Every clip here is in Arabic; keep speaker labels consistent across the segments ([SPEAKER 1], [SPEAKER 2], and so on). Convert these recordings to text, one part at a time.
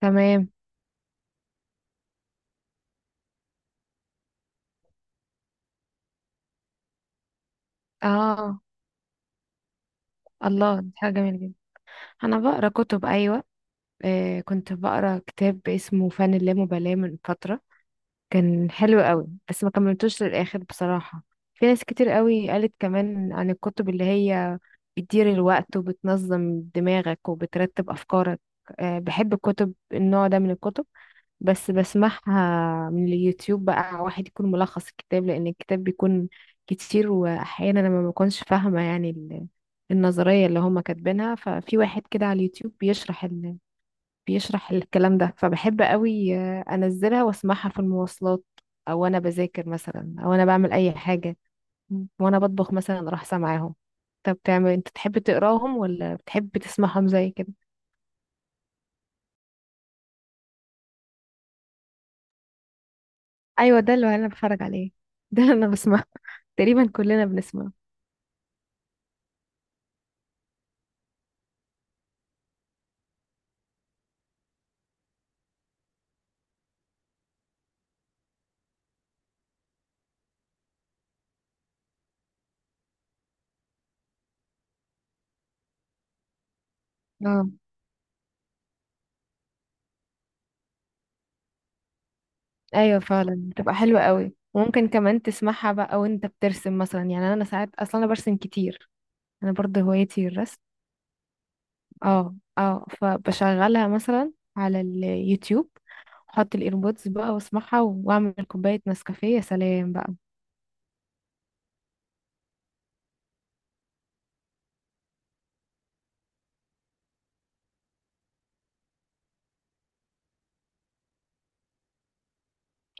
[SPEAKER 1] تمام. اه. الله، دي حاجة جميلة جدا. انا بقرا كتب، ايوه. كنت بقرا كتاب اسمه فن اللامبالاة من فترة. كان حلو قوي، بس ما كملتوش للاخر بصراحة. في ناس كتير قوي قالت كمان عن الكتب اللي هي بتدير الوقت وبتنظم دماغك وبترتب افكارك. بحب الكتب، النوع ده من الكتب. بس بسمعها من اليوتيوب بقى، واحد يكون ملخص الكتاب، لان الكتاب بيكون كتير، واحيانا انا ما بكونش فاهمه يعني النظريه اللي هما كاتبينها. ففي واحد كده على اليوتيوب بيشرح بيشرح الكلام ده. فبحب قوي، انزلها واسمعها في المواصلات، او انا بذاكر مثلا، او انا بعمل اي حاجه، وانا بطبخ مثلا اروح سامعاهم. طب بتعمل انت، تحب تقراهم ولا بتحب تسمعهم زي كده؟ ايوه، ده اللي انا بتفرج عليه. ده اللي انا بسمعه، تقريبا كلنا بنسمعه. اه. ايوه، فعلا بتبقى حلوة قوي، وممكن كمان تسمعها بقى وانت بترسم مثلا. يعني انا ساعات اصلا انا برسم كتير، انا برضه هوايتي الرسم. اه، اه، فبشغلها مثلا على اليوتيوب، احط الايربودز بقى واسمعها واعمل كوباية نسكافيه، يا سلام بقى.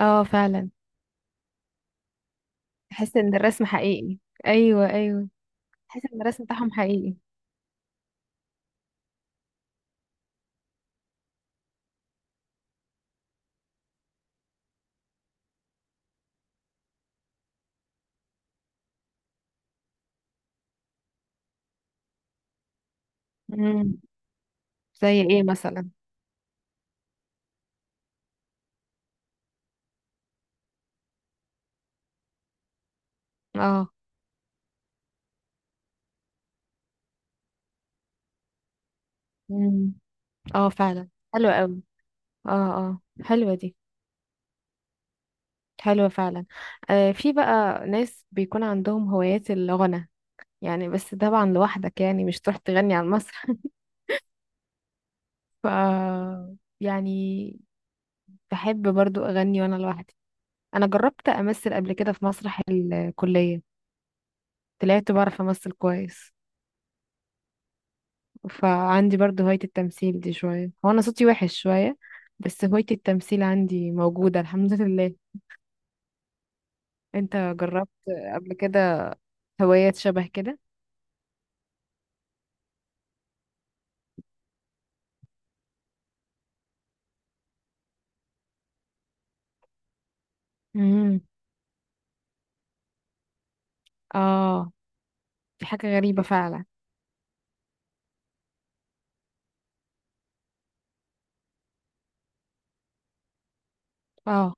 [SPEAKER 1] اه فعلا، تحس ان الرسم حقيقي. ايوه، ايوه، تحس ان الرسم بتاعهم حقيقي. امم. زي ايه مثلا؟ اه. امم. اه فعلا، حلوة قوي. اه، اه، حلوة دي. حلوة فعلا. في بقى ناس بيكون عندهم هوايات الغنى، يعني بس طبعا لوحدك، يعني مش تروح تغني على المسرح ف يعني بحب برضو أغني وأنا لوحدي. أنا جربت أمثل قبل كده في مسرح الكلية، طلعت بعرف أمثل كويس. فعندي برضو هواية التمثيل دي شوية، هو أنا صوتي وحش شوية، بس هواية التمثيل عندي موجودة الحمد لله. أنت جربت قبل كده هوايات شبه كده؟ امم. آه. دي حاجة غريبة فعلا. اه،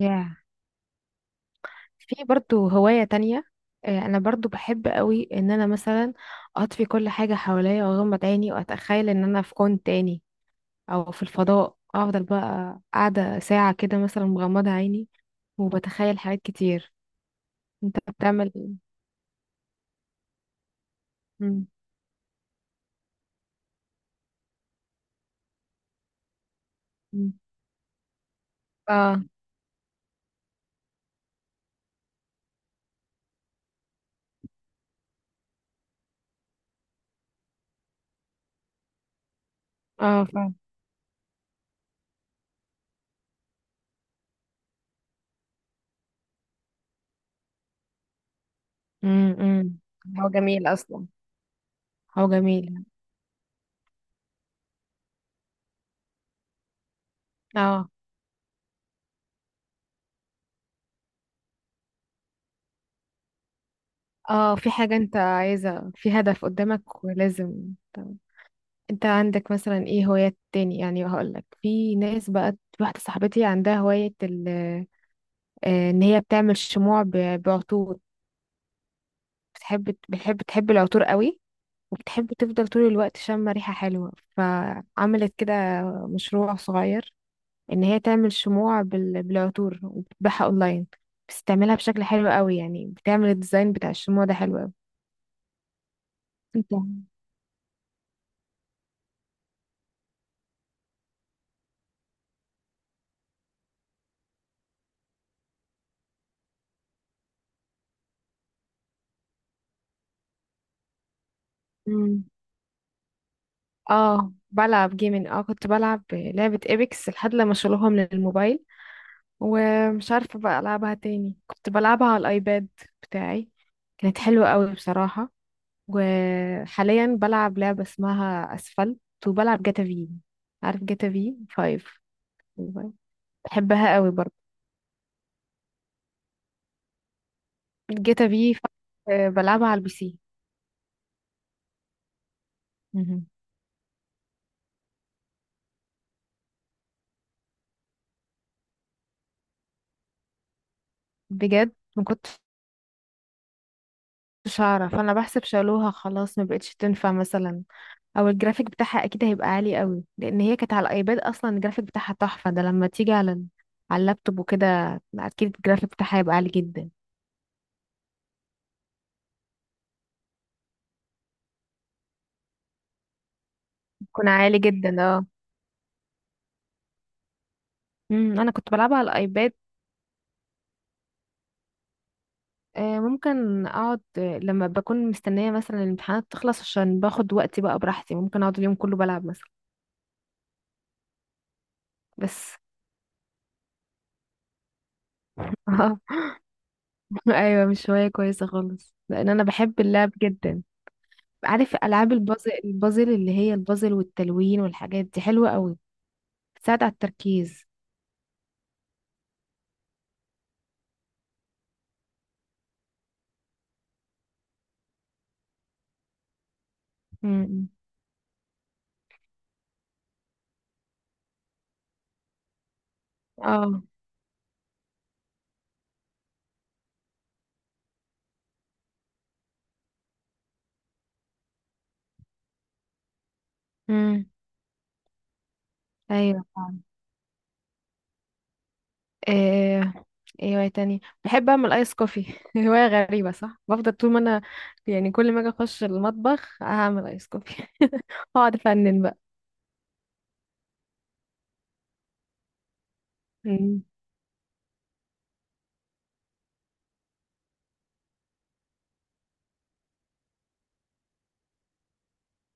[SPEAKER 1] يا في برضو هواية تانية. انا برضو بحب قوي ان انا مثلا اطفي كل حاجة حواليا واغمض عيني واتخيل ان انا في كون تاني، او في الفضاء. افضل بقى قاعدة ساعة كده مثلا مغمضة عيني وبتخيل حاجات كتير. انت بتعمل. مم. مم. اه، اه فعلا. مم، مم. هو جميل اصلا. هو جميل. اه، اه، في حاجة انت عايزة، في هدف قدامك ولازم. انت عندك مثلا ايه هوايات تاني؟ يعني هقولك، في ناس بقى واحدة صاحبتي عندها هواية ان هي بتعمل شموع بعطور. بتحب بتحب تحب العطور قوي، وبتحب تفضل طول الوقت شامة ريحة حلوة. فعملت كده مشروع صغير، ان هي تعمل شموع بالعطور وبتبيعها اونلاين. بتستعملها بشكل حلو قوي، يعني بتعمل الديزاين بتاع الشموع ده حلو قوي. انت. مم. اه بلعب جيمين، كنت بلعب لعبة ايبكس لحد لما شالوها من الموبايل، ومش عارفة بقى ألعبها تاني. كنت بلعبها على الأيباد بتاعي، كانت حلوة قوي بصراحة. وحاليا بلعب لعبة اسمها أسفلت، وبلعب جاتا في. عارف جاتا في فايف؟ بحبها قوي برضه. جاتا في فايف بلعبها على البي سي. مهم. بجد ما كنتش أعرف، أنا بحسب شالوها خلاص، ما بقتش تنفع مثلا. او الجرافيك بتاعها اكيد هيبقى عالي قوي، لان هي كانت على الايباد اصلا، الجرافيك بتاعها تحفة. ده لما تيجي على على اللابتوب وكده، اكيد الجرافيك بتاعها هيبقى عالي جدا. يكون عالي جدا اه. امم. انا كنت بلعبها على الايباد. ممكن اقعد، لما بكون مستنيه مثلا الامتحانات تخلص، عشان باخد وقتي بقى براحتي، ممكن اقعد اليوم كله بلعب مثلا. بس. اه. ايوه مش هوايه كويسه خالص، لان انا بحب اللعب جدا. عارف العاب البازل، البازل اللي هي البازل والتلوين والحاجات دي حلوه قوي، بتساعد على التركيز. امم. اه. امم. ايوه فعلا. إيه ايه هواية تاني. بحب اعمل ايس كوفي هواية غريبة صح؟ بفضل طول ما انا، يعني كل ما اجي اخش المطبخ هعمل ايس كوفي اقعد افنن بقى. امم.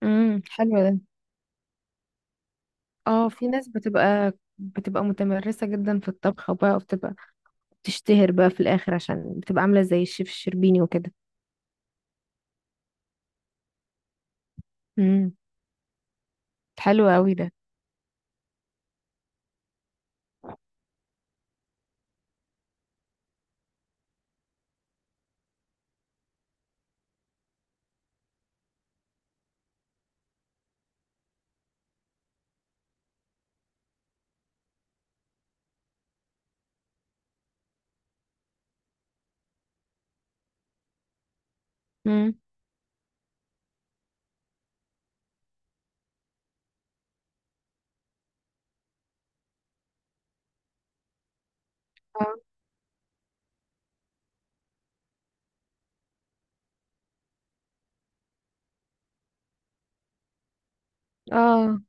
[SPEAKER 1] امم. حلو ده. اه، في ناس بتبقى متمرسة جدا في الطبخ بقى، وبتبقى بتشتهر بقى في الاخر عشان بتبقى عاملة زي الشيف الشربيني وكده. امم. حلو قوي ده. امم. اه.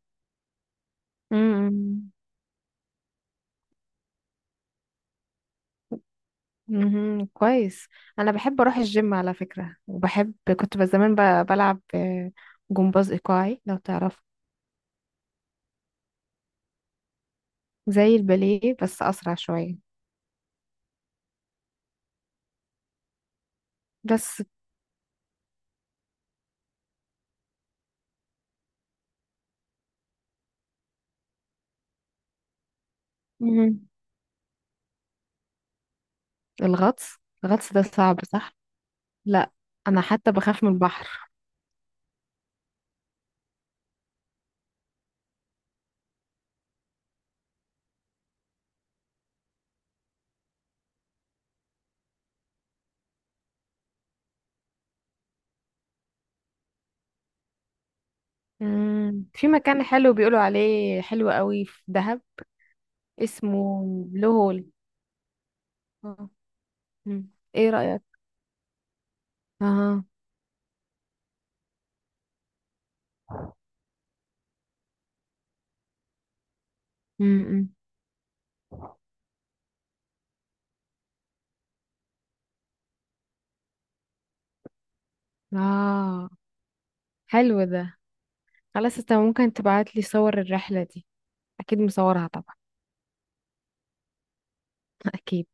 [SPEAKER 1] امم. مهم. كويس. انا بحب اروح الجيم على فكرة، وبحب كنت بس زمان بلعب، جمباز ايقاعي لو تعرف. زي الباليه بس اسرع شوية. بس. مهم. الغطس. الغطس ده صعب صح؟ لا، انا حتى بخاف من البحر. مم. في مكان حلو بيقولوا عليه حلو قوي في دهب اسمه بلو هول. آه. مم. ايه رأيك؟ اه. امم. اه. حلو ده. خلاص، انت ممكن تبعت لي صور الرحلة دي، اكيد مصورها طبعا. اكيد.